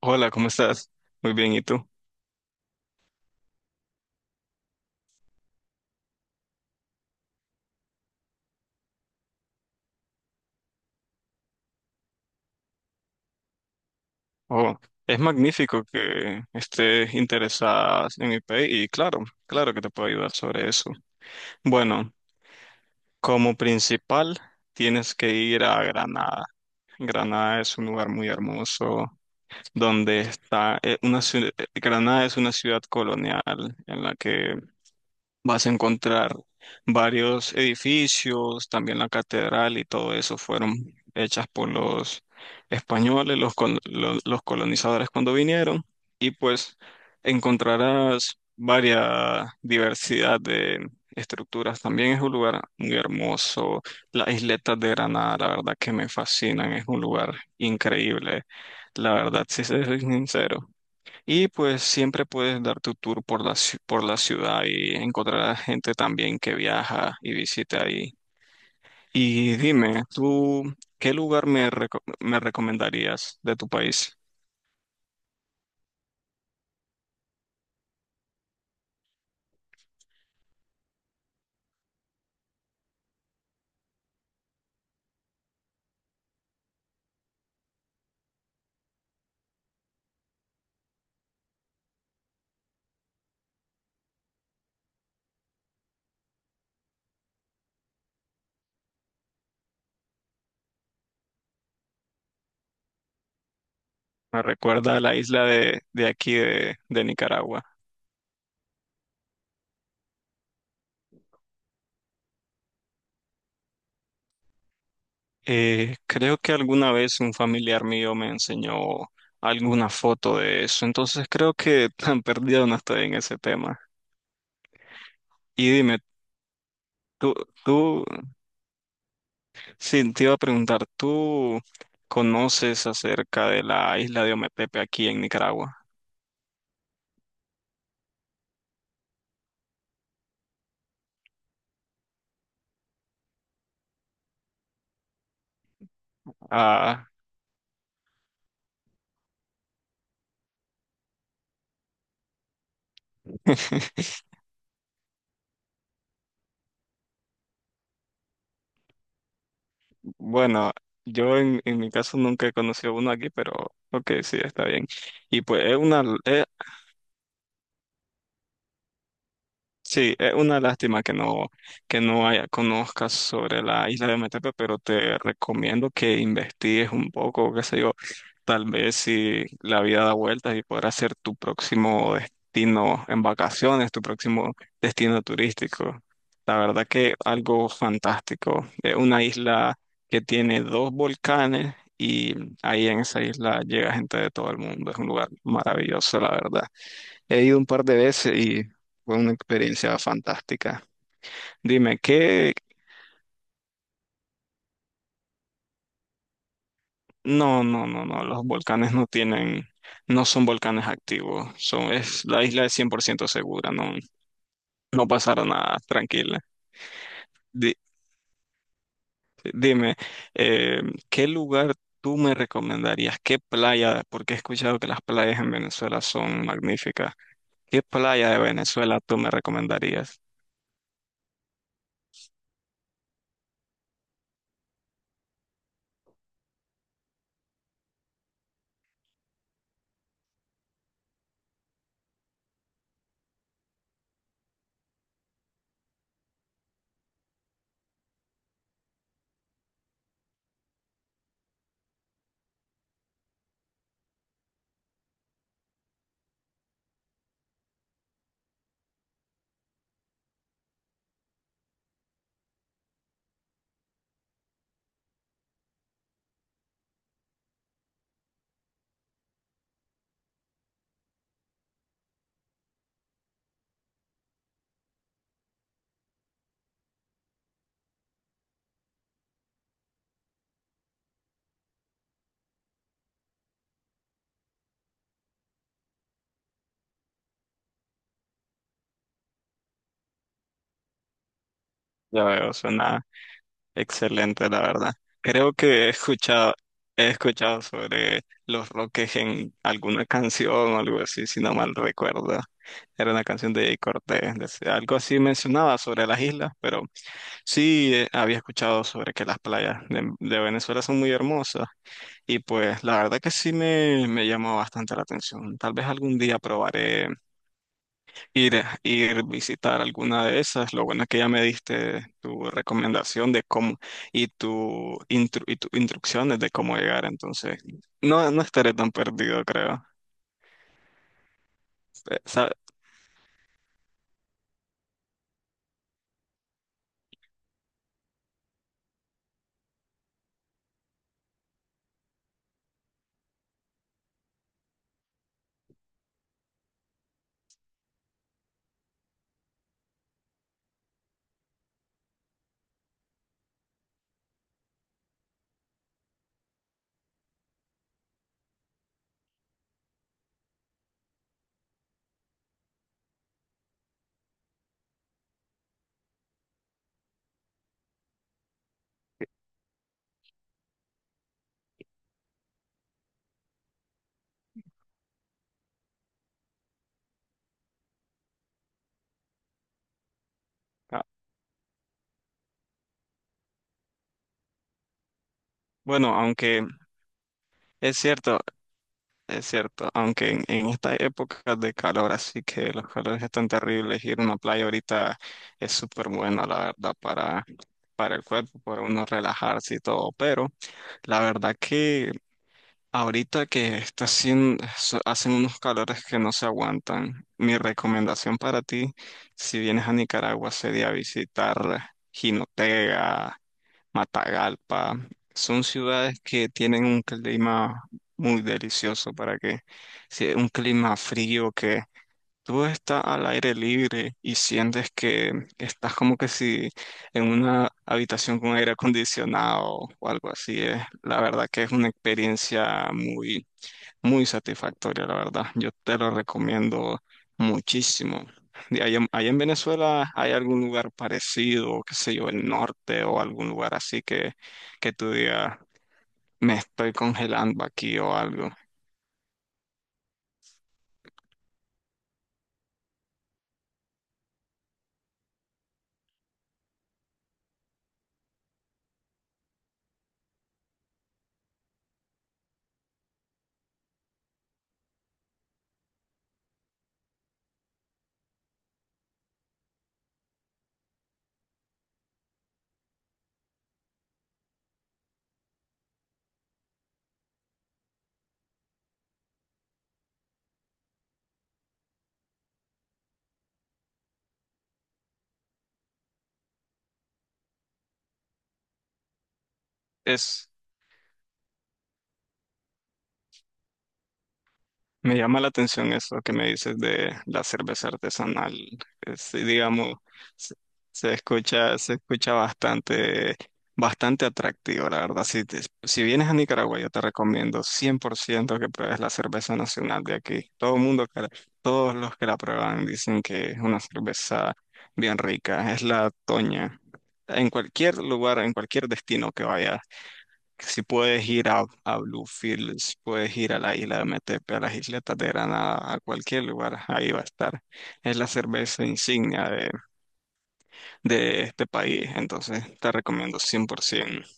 Hola, ¿cómo estás? Muy bien, ¿y tú? Oh, es magnífico que estés interesada en mi país y claro, claro que te puedo ayudar sobre eso. Bueno, como principal tienes que ir a Granada. Granada es un lugar muy hermoso donde está una Granada es una ciudad colonial en la que vas a encontrar varios edificios, también la catedral y todo eso fueron hechas por los españoles, los colonizadores cuando vinieron. Y pues encontrarás varias diversidad de estructuras. También es un lugar muy hermoso. Las isletas de Granada, la verdad que me fascinan, es un lugar increíble. La verdad, si soy sincero. Y pues siempre puedes dar tu tour por por la ciudad y encontrar a gente también que viaja y visita ahí. Y dime, ¿tú qué lugar me recomendarías de tu país? Me recuerda a la isla de aquí de Nicaragua. Creo que alguna vez un familiar mío me enseñó alguna foto de eso, entonces creo que tan perdido no estoy en ese tema. Y dime, ¿tú, tú sí, te iba a preguntar, ¿tú conoces acerca de la isla de Ometepe aquí en Nicaragua? Ah, bueno, yo en mi caso nunca he conocido uno aquí, pero ok, sí, está bien. Y pues es una, sí, es una lástima que no haya, conozcas sobre la isla de Ometepe, pero te recomiendo que investigues un poco, qué sé yo, tal vez si la vida da vueltas y podrás ser tu próximo destino en vacaciones, tu próximo destino turístico. La verdad que algo fantástico. Es una isla que tiene dos volcanes y ahí en esa isla llega gente de todo el mundo. Es un lugar maravilloso, la verdad. He ido un par de veces y fue una experiencia fantástica. Dime, no, no, no, no, los volcanes no tienen, no son volcanes activos, la isla es 100% segura, no, no pasará nada, tranquila. Di- Dime, eh, ¿qué lugar tú me recomendarías? ¿Qué playa? Porque he escuchado que las playas en Venezuela son magníficas. ¿Qué playa de Venezuela tú me recomendarías? Ya veo, suena excelente, la verdad. Creo que he escuchado sobre los Roques en alguna canción o algo así, si no mal recuerdo. Era una canción de Cortés. Algo así mencionaba sobre las islas, pero sí había escuchado sobre que las playas de Venezuela son muy hermosas. Y pues la verdad que sí me llamó bastante la atención. Tal vez algún día probaré ir visitar alguna de esas. Lo bueno es que ya me diste tu recomendación de cómo y y tus instrucciones de cómo llegar. Entonces, no, no estaré tan perdido, creo. Eh, sa- ah, Bueno, aunque es cierto, es cierto, aunque en estas épocas de calor, así que los calores están terribles, ir a una playa ahorita es súper bueno, la verdad, para, el cuerpo, para uno relajarse y todo, pero la verdad que ahorita que está haciendo, hacen unos calores que no se aguantan, mi recomendación para ti, si vienes a Nicaragua, sería visitar Jinotega, Matagalpa. Son ciudades que tienen un clima muy delicioso para que, si un clima frío que tú estás al aire libre y sientes que estás como que si en una habitación con aire acondicionado o algo así, la verdad que es una experiencia muy, muy satisfactoria, la verdad. Yo te lo recomiendo muchísimo. De allá, en allá en Venezuela hay algún lugar parecido, qué sé yo, el norte o algún lugar así que tú digas, me estoy congelando aquí o algo. Es, Me llama la atención eso que me dices de la cerveza artesanal. Sí, digamos, se, se escucha bastante, bastante atractivo, la verdad. Si vienes a Nicaragua, yo te recomiendo 100% que pruebes la cerveza nacional de aquí. Todo el mundo, todos los que la prueban dicen que es una cerveza bien rica. Es la Toña. En cualquier lugar, en cualquier destino que vayas, si puedes ir a Bluefields, puedes ir a la isla de Metepe, a las isletas de Granada, a cualquier lugar, ahí va a estar. Es la cerveza insignia de este país, entonces te recomiendo 100%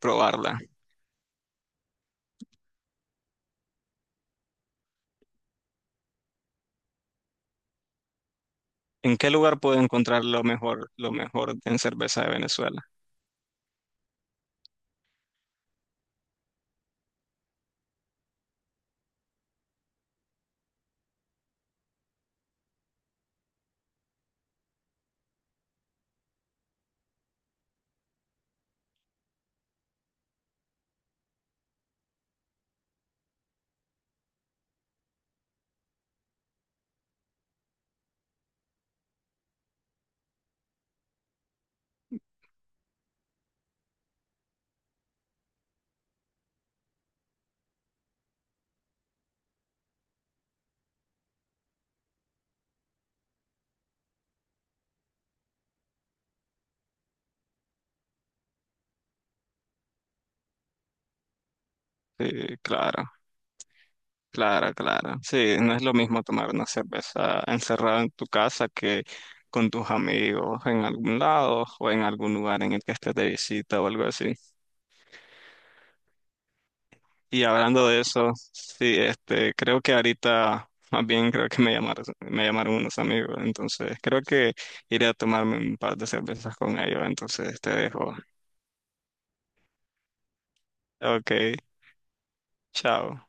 probarla. ¿En qué lugar puedo encontrar lo mejor en cerveza de Venezuela? Sí, claro. Claro, claro. Sí, no es lo mismo tomar una cerveza encerrada en tu casa que con tus amigos en algún lado o en algún lugar en el que estés de visita o algo así. Y hablando de eso, sí, este, creo que ahorita, más bien creo que me llamaron unos amigos, entonces creo que iré a tomarme un par de cervezas con ellos, entonces te dejo. Ok, chao.